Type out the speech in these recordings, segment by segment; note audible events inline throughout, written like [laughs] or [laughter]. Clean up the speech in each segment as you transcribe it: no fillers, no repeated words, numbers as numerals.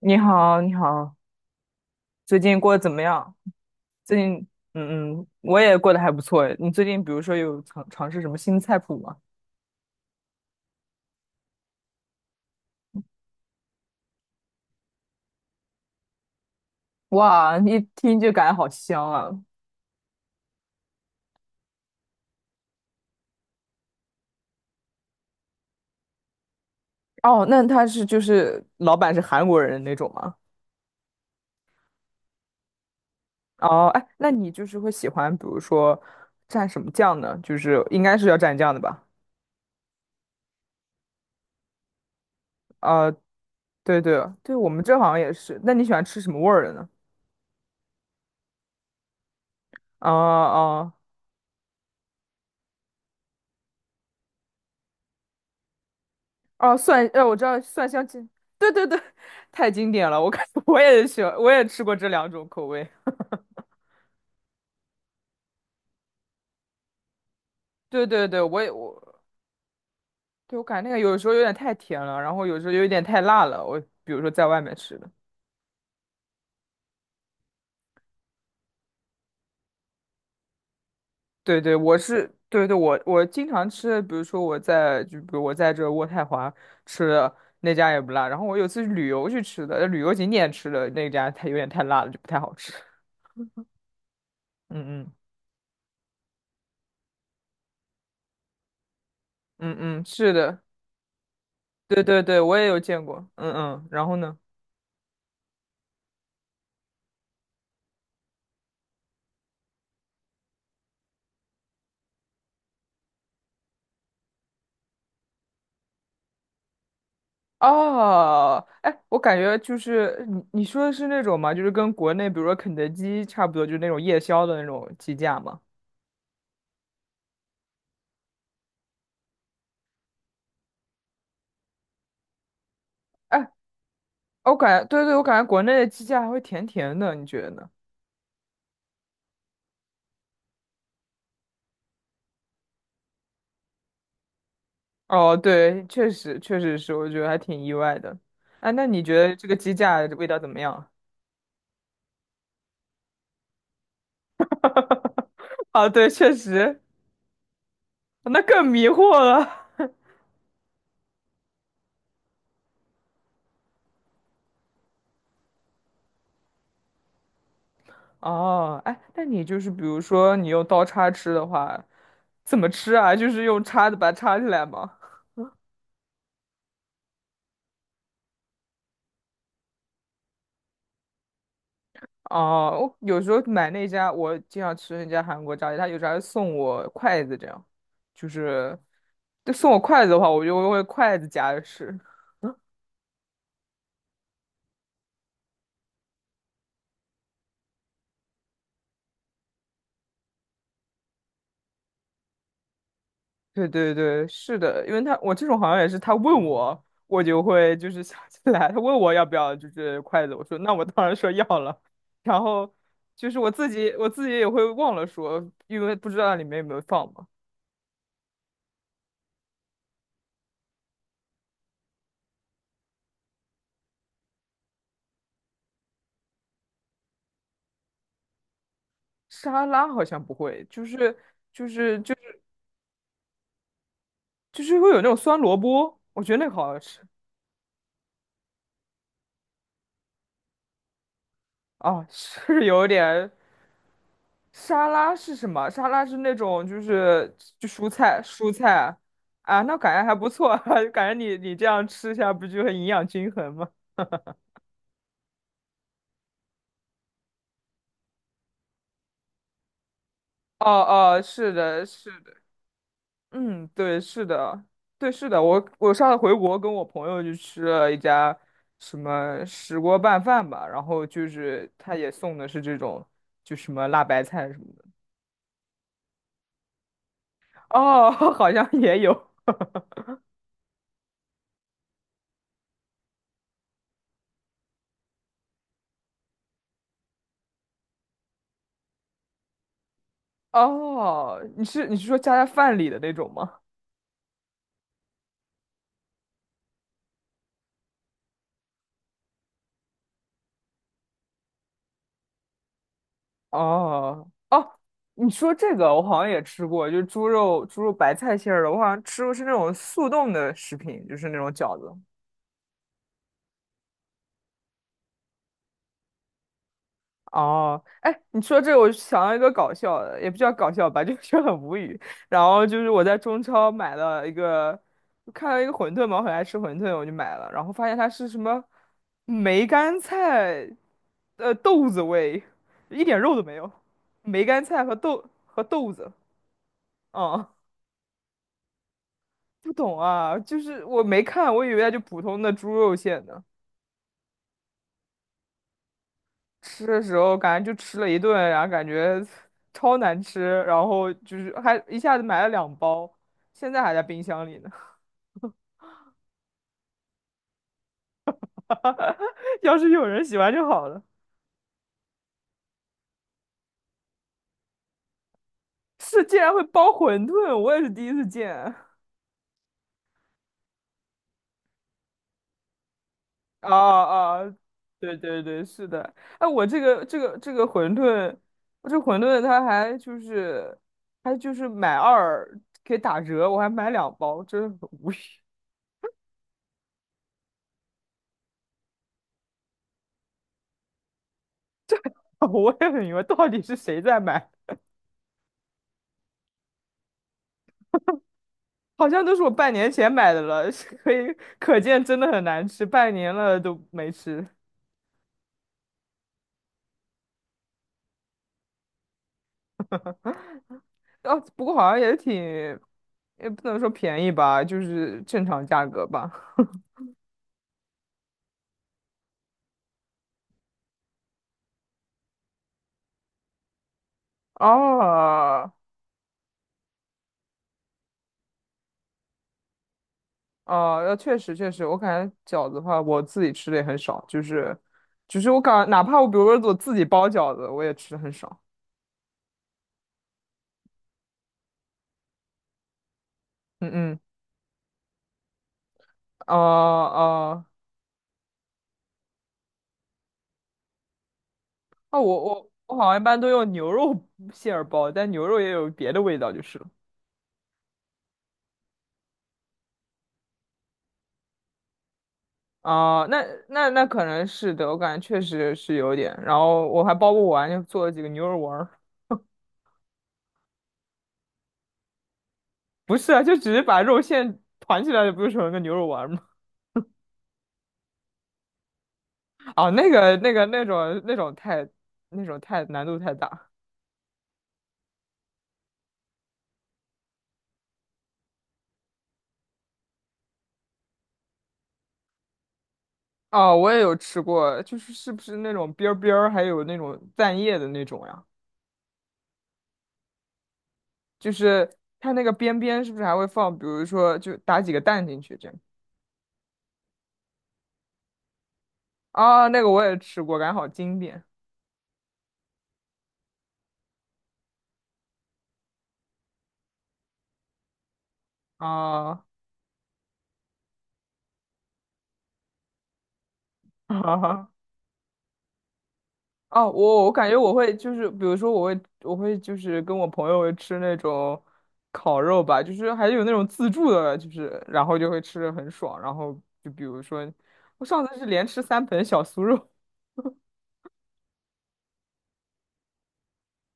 你好，你好，最近过得怎么样？最近，嗯嗯，我也过得还不错诶。你最近比如说有尝试什么新菜谱吗？哇，一听就感觉好香啊！哦，那他就是老板是韩国人那种吗？哦，哎，那你就是会喜欢，比如说蘸什么酱呢？就是应该是要蘸酱的吧？啊、对对对，我们这好像也是。那你喜欢吃什么味儿的呢？啊啊。哦哦，蒜，我知道蒜香鸡，对对对，太经典了，我感觉 [laughs] 我也喜欢，我也吃过这两种口味。对对对，我也我，对我感觉那个有时候有点太甜了，然后有时候有点太辣了。我比如说在外面吃的，对对，我经常吃的，比如说就比如我在这渥太华吃的那家也不辣，然后我有次旅游去吃的，旅游景点吃的那家它有点太辣了，就不太好吃。嗯嗯嗯嗯，是的，对对对，我也有见过。嗯嗯，然后呢？哦，哎，我感觉就是你说的是那种嘛，就是跟国内比如说肯德基差不多，就是那种夜宵的那种鸡架嘛。哎，我感觉对对，我感觉国内的鸡架还会甜甜的，你觉得呢？哦，对，确实确实是，我觉得还挺意外的。哎，那你觉得这个鸡架味道怎么样？[laughs] 啊，对，确实，那更迷惑了。哦，哎，那你就是比如说你用刀叉吃的话，怎么吃啊？就是用叉子把它叉起来吗？哦，我有时候买那家，我经常吃那家韩国炸鸡，他有时候还送我筷子，这样，就是，就送我筷子的话，我就会筷子夹着吃。[laughs] 对对对，是的，因为他我这种好像也是，他问我，我就会就是想起来，他问我要不要就是筷子，我说那我当然说要了，然后就是我自己也会忘了说，因为不知道里面有没有放嘛。沙拉好像不会，就是就是就是会有那种酸萝卜，我觉得那个好好吃。哦，是有点沙拉是什么？沙拉是那种就是就蔬菜啊，那感觉还不错，[laughs] 感觉你这样吃下不就很营养均衡吗？哦哦，是的，是的，嗯，对，是的，对，是的，我我上次回国跟我朋友去吃了一家什么石锅拌饭吧，然后就是他也送的是这种就什么辣白菜什么的，哦，[laughs] 好像也有，哦，你是说加在饭里的那种吗？哦哦，你说这个我好像也吃过，就是猪肉白菜馅儿的，我好像吃过是那种速冻的食品，就是那种饺子。哦，哎，你说这个我想到一个搞笑的，也不叫搞笑吧，[laughs] 就是很无语。然后就是我在中超买了一个，看到一个馄饨嘛，我很爱吃馄饨，我就买了，然后发现它是什么梅干菜，豆子味，一点肉都没有，梅干菜和豆子，嗯不懂啊，就是我没看，我以为它就普通的猪肉馅呢。吃的时候感觉就吃了一顿，然后感觉 [laughs] 超难吃，然后就是还一下子买了两包，现在还在冰箱里呢。[laughs] 要是有人喜欢就好了。是，竟然会包馄饨，我也是第一次见。啊啊，对对对，是的。哎，我这个馄饨，我这馄饨它还就是买二可以打折，我还买两包，真的很无语。[laughs] 我也很疑惑，到底是谁在买？好像都是我半年前买的了，[laughs] 是可以可见真的很难吃，半年了都没吃。哦，不过好像也挺，也不能说便宜吧，就是正常价格吧。哦，哦，确实确实，我感觉饺子的话，我自己吃的也很少，就是，就是我感，哪怕我比如说我自己包饺子，我也吃的很少。嗯嗯，哦哦啊，我好像一般都用牛肉 [laughs] 馅儿包，但牛肉也有别的味道就是了。啊、那那可能是的，我感觉确实是有点。然后我还包不完，就做了几个牛肉丸儿。不是啊，就只是把肉馅团起来，不就成了个牛肉丸儿吗？啊，那个那种太难度太大。哦，我也有吃过，就是是不是那种边儿，还有那种蛋液的那种呀？就是它那个边边是不是还会放，比如说就打几个蛋进去这样？啊，那个我也吃过，感觉好经典啊！[laughs] 哦，啊我感觉我会就是，比如说我会就是跟我朋友吃那种烤肉吧，就是还有那种自助的，就是然后就会吃的很爽。然后就比如说，我上次是连吃三盆小酥肉，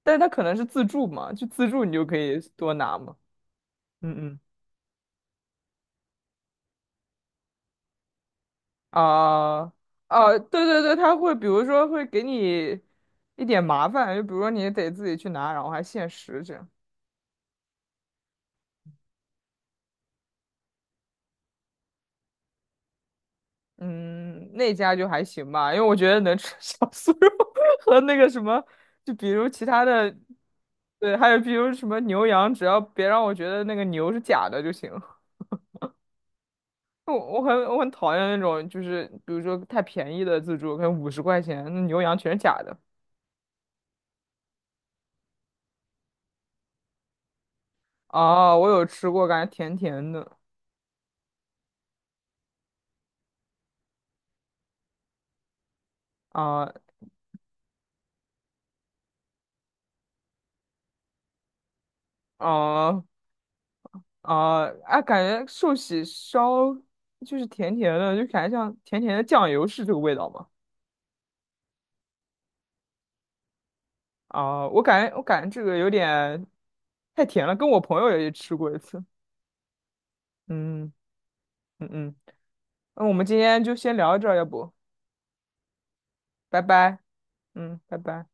但是它可能是自助嘛，就自助你就可以多拿嘛。嗯嗯啊啊，对对对，他会比如说会给你一点麻烦，就比如说你得自己去拿，然后还限时这样。嗯，那家就还行吧，因为我觉得能吃 [laughs] 小酥肉和那个什么，就比如其他的，对，还有比如什么牛羊，只要别让我觉得那个牛是假的就行。[laughs] 我很讨厌那种，就是比如说太便宜的自助，可能50块钱，那牛羊全是假的。哦，我有吃过，感觉甜甜的。啊啊啊！哎，感觉寿喜烧就是甜甜的，就感觉像甜甜的酱油，是这个味道吗？啊，我感觉这个有点太甜了，跟我朋友也吃过一次。嗯嗯嗯，那我们今天就先聊到这儿，要不，拜拜。嗯，拜拜。